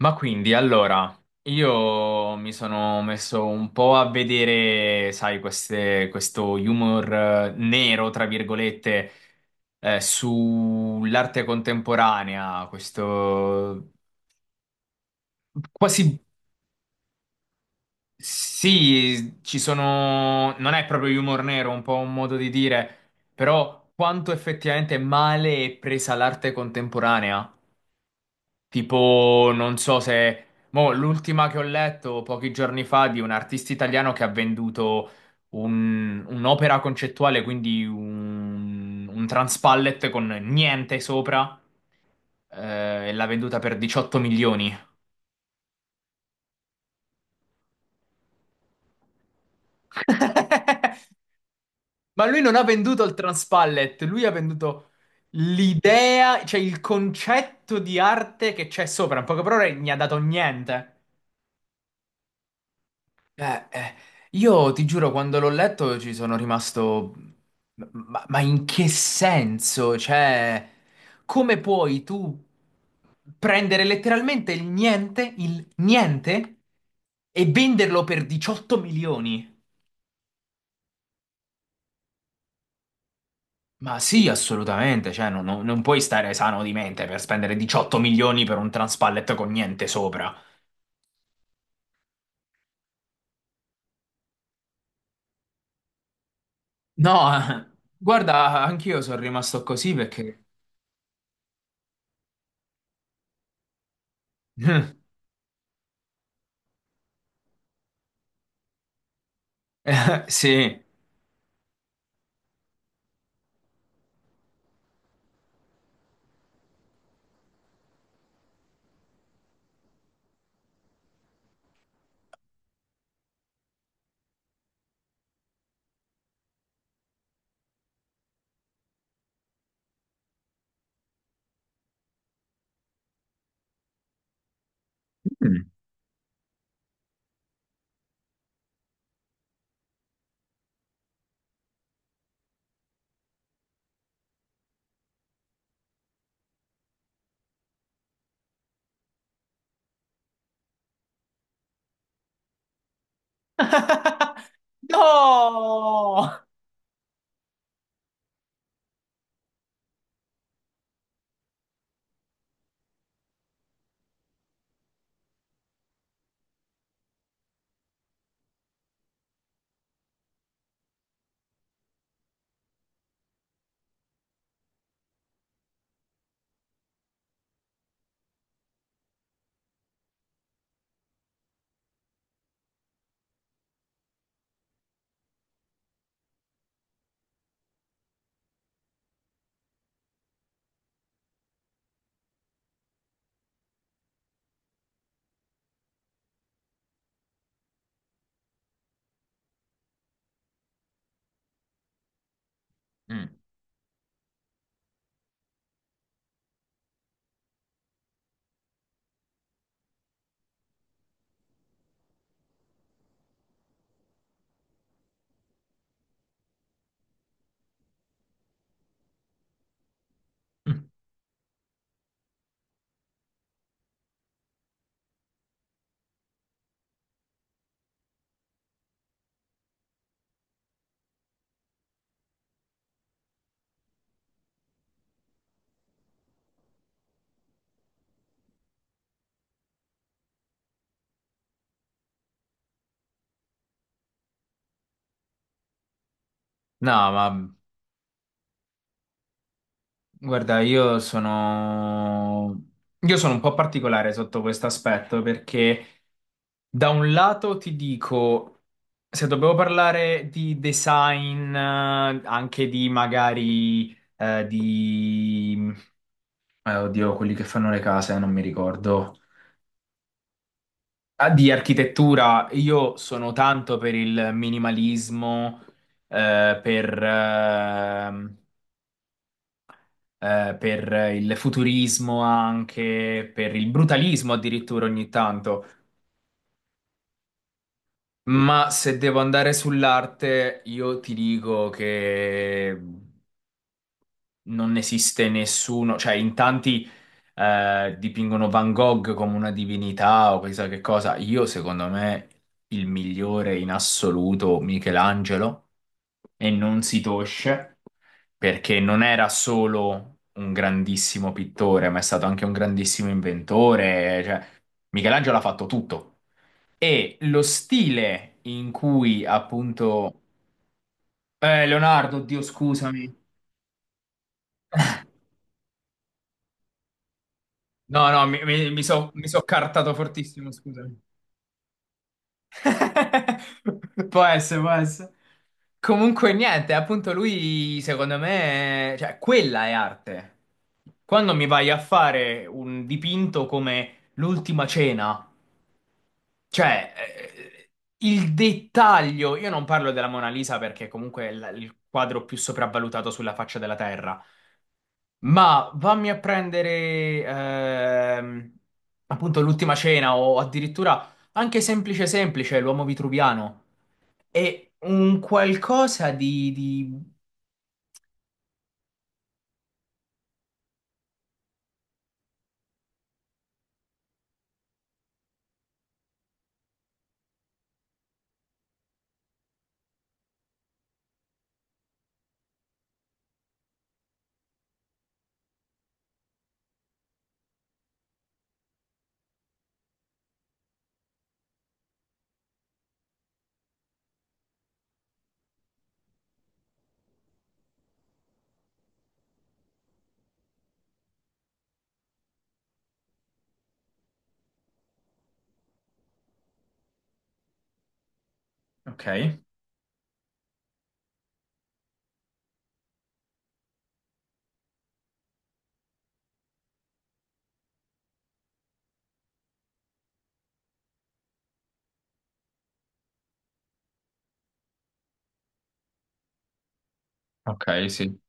Allora, io mi sono messo un po' a vedere, sai, questo humor nero, tra virgolette, sull'arte contemporanea, questo quasi sì, ci sono non è proprio humor nero, un po' un modo di dire, però quanto effettivamente male è presa l'arte contemporanea. Tipo, non so se... Mo, l'ultima che ho letto pochi giorni fa di un artista italiano che ha venduto un'opera concettuale, quindi un transpallet con niente sopra, e l'ha venduta per 18 milioni. Ma lui non ha venduto il transpallet, lui ha venduto l'idea, cioè il concetto di arte che c'è sopra. In poche parole, gli ha dato niente. Eh, eh, io ti giuro, quando l'ho letto ci sono rimasto... ma in che senso? Cioè, come puoi tu prendere letteralmente il niente, e venderlo per 18 milioni? Ma sì, assolutamente, cioè, non puoi stare sano di mente per spendere 18 milioni per un transpallet con niente sopra. No, guarda, anch'io sono rimasto così perché... sì. No! Mm. No, ma guarda, io sono un po' particolare sotto questo aspetto perché da un lato ti dico, se dobbiamo parlare di design, anche di magari di... oddio, quelli che fanno le case, non mi ricordo. Ah, di architettura, io sono tanto per il minimalismo, eh, per, ehm, per il futurismo anche, per il brutalismo addirittura ogni tanto. Ma se devo andare sull'arte, io ti dico che non esiste nessuno, cioè in tanti dipingono Van Gogh come una divinità o chissà che cosa. Io, secondo me, il migliore in assoluto Michelangelo e non si tosce perché non era solo un grandissimo pittore, ma è stato anche un grandissimo inventore. Cioè, Michelangelo ha fatto tutto. E lo stile in cui appunto Leonardo, Dio scusami. No, no, mi so cartato fortissimo, scusami. Può essere, può essere. Comunque niente, appunto lui secondo me, cioè quella è arte. Quando mi vai a fare un dipinto come l'ultima cena, cioè il dettaglio, io non parlo della Mona Lisa perché comunque è il quadro più sopravvalutato sulla faccia della terra. Ma vammi a prendere appunto l'ultima cena o addirittura anche semplice semplice, l'uomo vitruviano. E un qualcosa di... Ok. Ok, sì.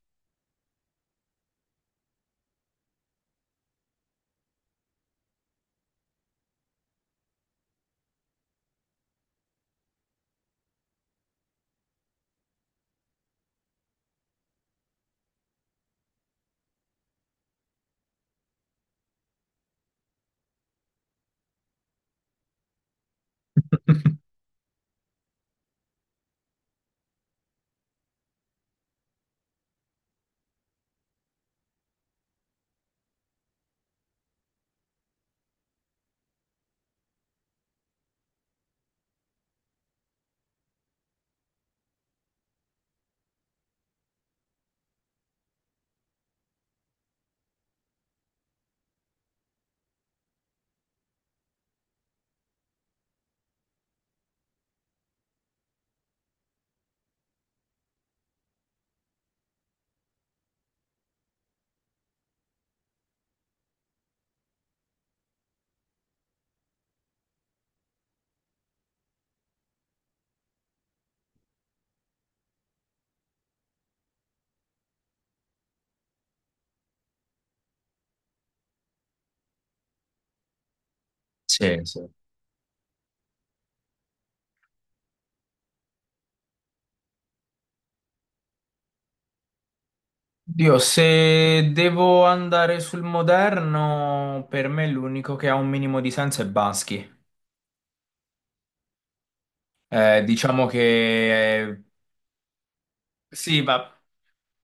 Sì, sì. Dio, se devo andare sul moderno, per me l'unico che ha un minimo di senso è Bansky. Diciamo che sì, va.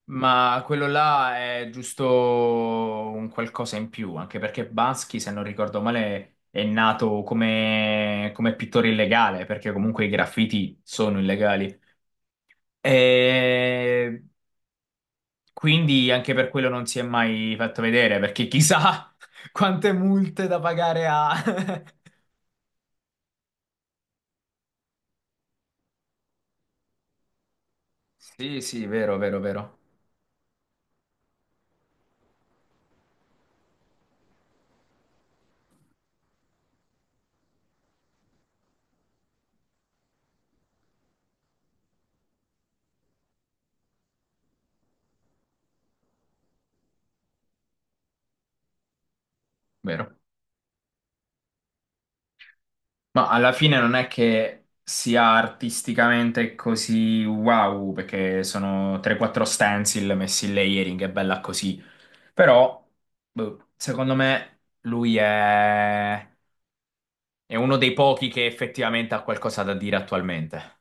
Ma quello là è giusto un qualcosa in più, anche perché Bansky, se non ricordo male, è nato come, come pittore illegale, perché comunque i graffiti sono illegali. E quindi anche per quello non si è mai fatto vedere, perché chissà quante multe da pagare ha. Sì, sì, vero, vero, vero, vero. Ma alla fine non è che sia artisticamente così wow, perché sono 3-4 stencil messi in layering, è bella così. Però, boh, secondo me, è uno dei pochi che effettivamente ha qualcosa da dire attualmente.